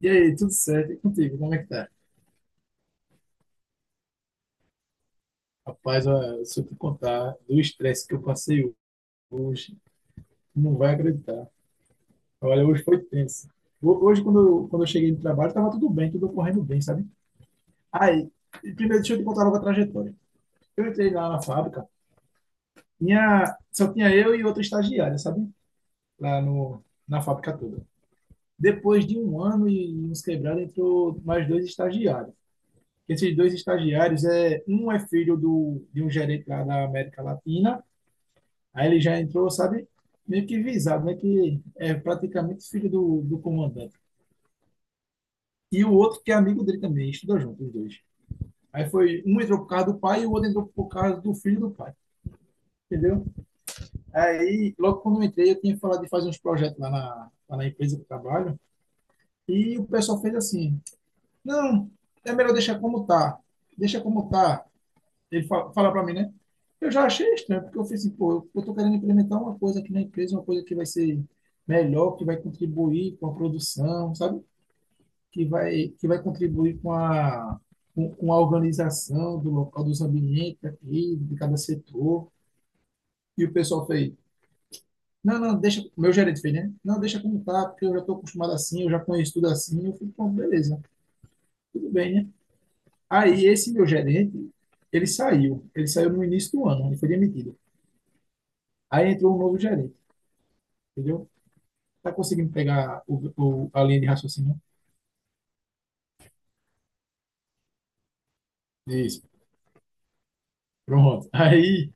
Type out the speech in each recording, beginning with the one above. E aí, tudo certo? E contigo, como é que tá? Rapaz, ó, se eu te contar do estresse que eu passei hoje, tu não vai acreditar. Olha, hoje foi tenso. Hoje, quando eu cheguei no trabalho, tava tudo bem, tudo correndo bem, sabe? Aí, primeiro, deixa eu te contar logo a trajetória. Eu entrei lá na fábrica, só tinha eu e outra estagiária, sabe? Lá no, na fábrica toda. Depois de um ano e uns quebrados, entrou mais dois estagiários. Esses dois estagiários, é, um é filho de um gerente lá da América Latina. Aí ele já entrou, sabe, meio que visado, né? Que é praticamente filho do comandante. E o outro que é amigo dele também, estuda junto, os dois. Aí foi, um entrou por causa do pai e o outro entrou por causa do filho do pai, entendeu? Aí, logo quando eu entrei, eu tinha falado de fazer uns projetos lá na empresa que eu trabalho, e o pessoal fez assim, não, é melhor deixar como tá, deixa como tá, ele fala para mim, né? Eu já achei estranho, porque eu falei assim, pô, eu tô querendo implementar uma coisa aqui na empresa, uma coisa que vai ser melhor, que vai contribuir com a produção, sabe? Que vai contribuir com a organização do local, dos ambientes aqui, de cada setor. E o pessoal fez, não, não, deixa, meu gerente fez, né? Não, deixa como tá, porque eu já estou acostumado assim, eu já conheço tudo assim. Eu falei, pô, beleza, tudo bem, né? Aí esse meu gerente, ele saiu no início do ano, ele foi demitido. Aí entrou um novo gerente. Entendeu? Tá conseguindo pegar a linha de raciocínio? Né? Isso, pronto. Aí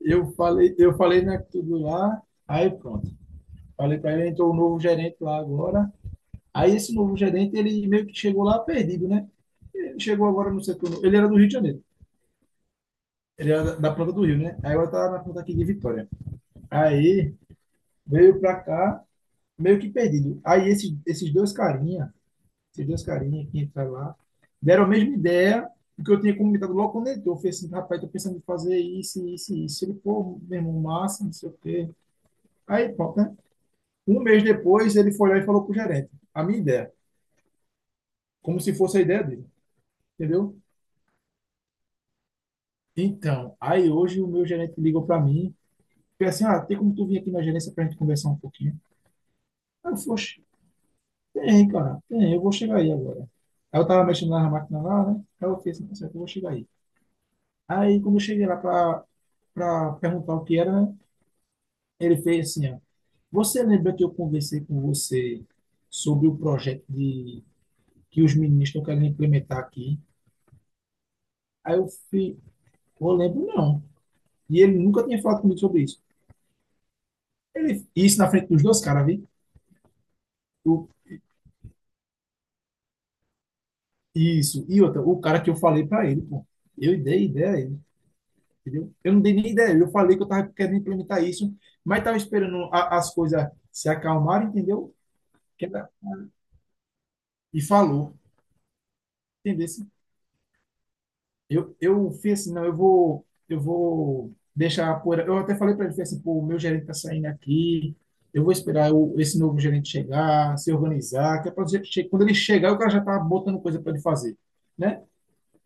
eu falei né tudo lá, aí pronto. Falei para ele, entrou o novo gerente lá agora. Aí esse novo gerente, ele meio que chegou lá perdido, né? Ele chegou agora no setor, ele era do Rio de Janeiro. Ele era da planta do Rio, né? Aí eu tava na planta aqui de Vitória. Aí veio pra cá meio que perdido. Aí esses dois carinha esses dois carinhas que entraram lá, deram a mesma ideia do que eu tinha comentado logo quando ele entrou. Eu falei assim, rapaz, tô pensando em fazer isso, isso, isso. Ele, pô, meu irmão, massa, não sei o quê. Aí, pronto, né? Um mês depois, ele foi lá e falou pro gerente, a minha ideia, como se fosse a ideia dele, entendeu? Então, aí hoje o meu gerente ligou para mim, falei assim, ah, tem como tu vir aqui na gerência pra gente conversar um pouquinho? Aí eu falei, "Oxe, tem, cara, tem, eu vou chegar aí agora. Aí eu tava mexendo na máquina lá, né? Aí eu falei assim, "Tá certo, eu vou chegar aí. Aí, quando eu cheguei lá para perguntar o que era, né? Ele fez assim, ó, você lembra que eu conversei com você sobre o projeto de que os meninos estão querendo implementar aqui? Aí eu fui, eu lembro não. E ele nunca tinha falado comigo sobre isso. Ele, isso na frente dos dois caras, viu? O- isso. E outra, o cara que eu falei para ele, pô. Eu dei ideia a ele, entendeu? Eu não dei nem ideia. Eu falei que eu tava querendo implementar isso, mas tava esperando as coisas se acalmarem, entendeu? Que era- E falou, entendeu? Eu fui assim, não, eu vou deixar a poeira. Eu até falei para ele, fui assim, pô, o meu gerente tá saindo aqui, eu vou esperar esse novo gerente chegar, se organizar, que é pra dizer quando ele chegar, o cara já tá botando coisa para ele fazer, né?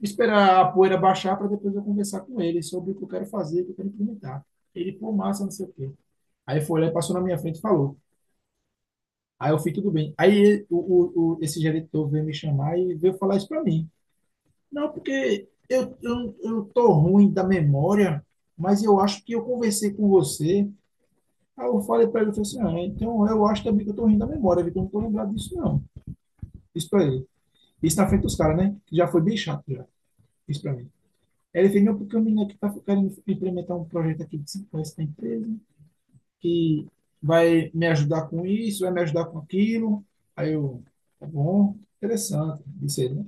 Esperar a poeira baixar para depois eu conversar com ele sobre o que eu quero fazer, o que eu quero implementar. Ele, pô, massa, não sei o quê. Aí foi lá e passou na minha frente e falou. Aí eu fui, tudo bem. Aí esse gerente novo veio me chamar e veio falar isso para mim. Não, porque eu tô ruim da memória, mas eu acho que eu conversei com você. Aí eu falei para ele, eu falei assim, ah, então eu acho também que eu tô ruim da memória, viu? Eu não tô lembrado disso, não. Isso para ele. Isso na frente dos caras, né? Que já foi bem chato, já. Isso para mim. Aí ele fez, não, porque o menino aqui tá querendo implementar um projeto aqui de 5 anos da empresa, que vai me ajudar com isso, vai me ajudar com aquilo. Aí eu, tá bom, interessante, disse ele.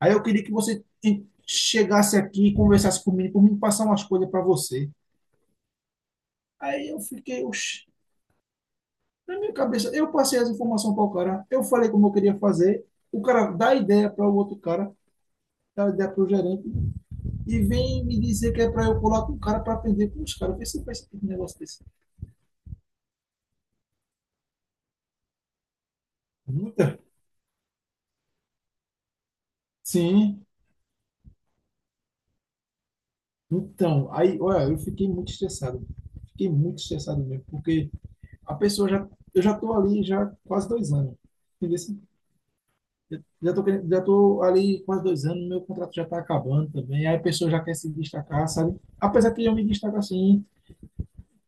Aí eu queria que você chegasse aqui e conversasse comigo, por mim passar umas coisas para você. Aí eu fiquei, oxi, na minha cabeça, eu passei as informações para o cara, eu falei como eu queria fazer, o cara dá ideia para o outro cara, dá ideia para o gerente, e vem me dizer que é para eu colar com o cara para aprender com os caras. Vê se faz um negócio desse. Muita? Sim. Então, aí, olha, eu fiquei muito estressado. Fiquei muito estressado mesmo, porque a pessoa já, eu já tô ali já quase 2 anos. Entendeu? Já tô ali quase 2 anos, meu contrato já está acabando também. Aí a pessoa já quer se destacar, sabe? Apesar que eu me destaco assim,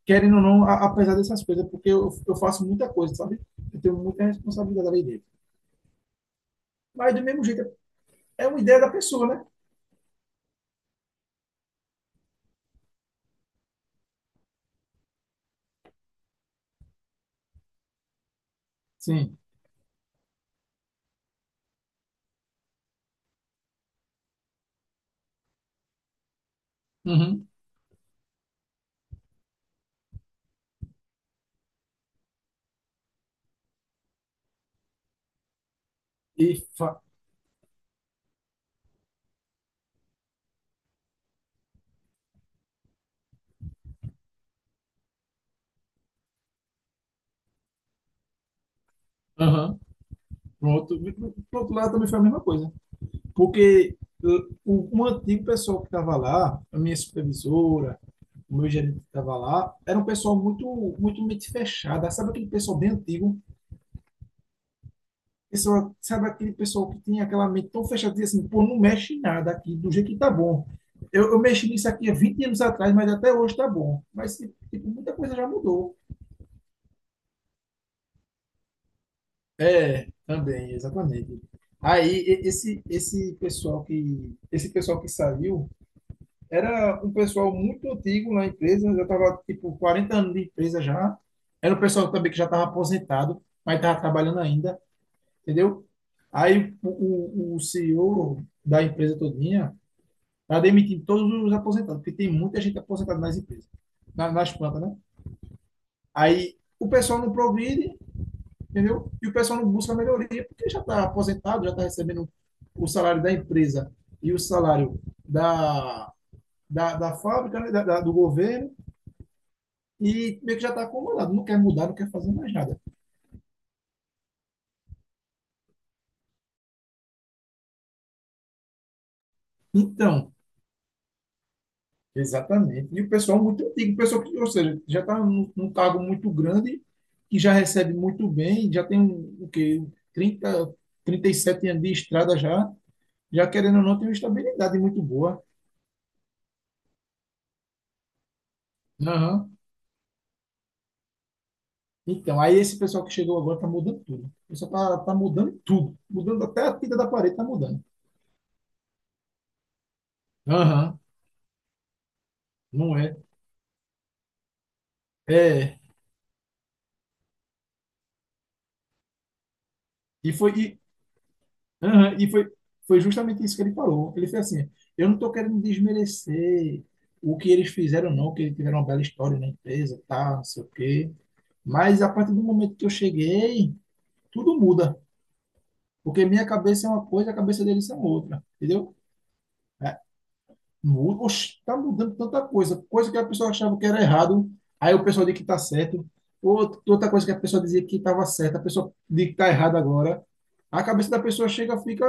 querendo ou não, apesar dessas coisas, porque eu faço muita coisa, sabe? Eu tenho muita responsabilidade ali dentro. Mas do mesmo jeito, é uma ideia da pessoa, né? Sim. Uhum. E fa- Aham. Pronto. Pro outro lado também foi a mesma coisa. Porque o antigo pessoal que estava lá, a minha supervisora, o meu gerente que estava lá, era um pessoal muito, muito mente fechada. Sabe aquele pessoal bem antigo, pessoa, sabe aquele pessoal que tem aquela mente tão fechada, diz assim, pô, não mexe em nada aqui, do jeito que tá bom. Eu mexi nisso aqui há 20 anos atrás, mas até hoje tá bom. Mas, tipo, muita coisa já mudou. É, também, exatamente. Aí, esse pessoal que saiu era um pessoal muito antigo na empresa, já estava tipo, 40 anos de empresa já. Era um pessoal também que já estava aposentado, mas estava trabalhando ainda, entendeu? Aí, o CEO da empresa toda tá demitindo todos os aposentados, porque tem muita gente aposentada nas empresas, nas plantas, né? Aí o pessoal não progride, entendeu? E o pessoal não busca melhoria, porque já está aposentado, já está recebendo o salário da empresa e o salário da, da fábrica, né? Do governo, e meio que já está acomodado, não quer mudar, não quer fazer mais nada. Então, exatamente. E o pessoal é muito antigo, o pessoal que, ou seja, já está num cargo muito grande, que já recebe muito bem, já tem um, o quê? trinta, 37 anos de estrada já, já querendo ou não, tem uma estabilidade muito boa. Aham. Então, aí esse pessoal que chegou agora está mudando tudo. O pessoal está tá tá mudando tudo. Mudando até a tinta da parede, está mudando. Aham. Não é? É. E foi. Aham, foi justamente isso que ele falou. Ele fez assim: eu não estou querendo desmerecer o que eles fizeram, não, que eles tiveram uma bela história na empresa, tá, não sei o quê. Mas a partir do momento que eu cheguei, tudo muda. Porque minha cabeça é uma coisa, a cabeça deles é outra. Entendeu? É, muda. Oxe, tá mudando tanta coisa. Coisa que a pessoa achava que era errado, aí o pessoal diz que tá certo. Outra coisa que a pessoa dizia que estava certa, a pessoa diz que tá errado agora. A cabeça da pessoa chega, fica.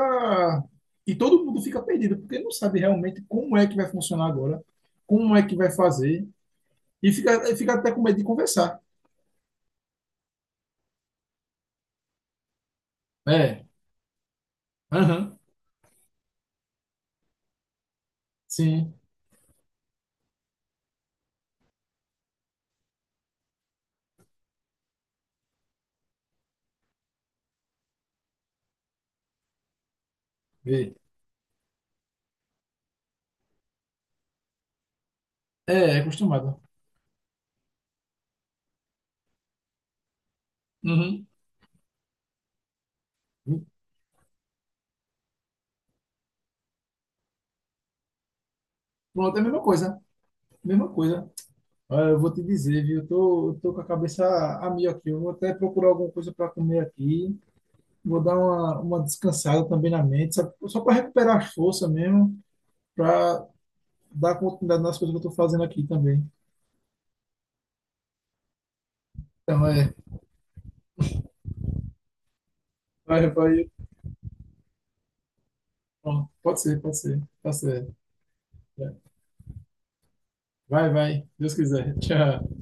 E todo mundo fica perdido, porque não sabe realmente como é que vai funcionar agora, como é que vai fazer, e fica até com medo de conversar. É, aham, sim, vê. É acostumado. Uhum. Pronto, é a mesma coisa, mesma coisa. Olha, eu vou te dizer, viu, eu tô com a cabeça a mil aqui, eu vou até procurar alguma coisa para comer aqui, vou dar uma descansada também na mente, sabe? Só para recuperar as forças mesmo, para dar continuidade nas coisas que eu tô fazendo aqui também. Então, é. Vai, vai. Bom, pode ser, pode ser. Tá certo. É. Vai, vai. Deus quiser. Tchau.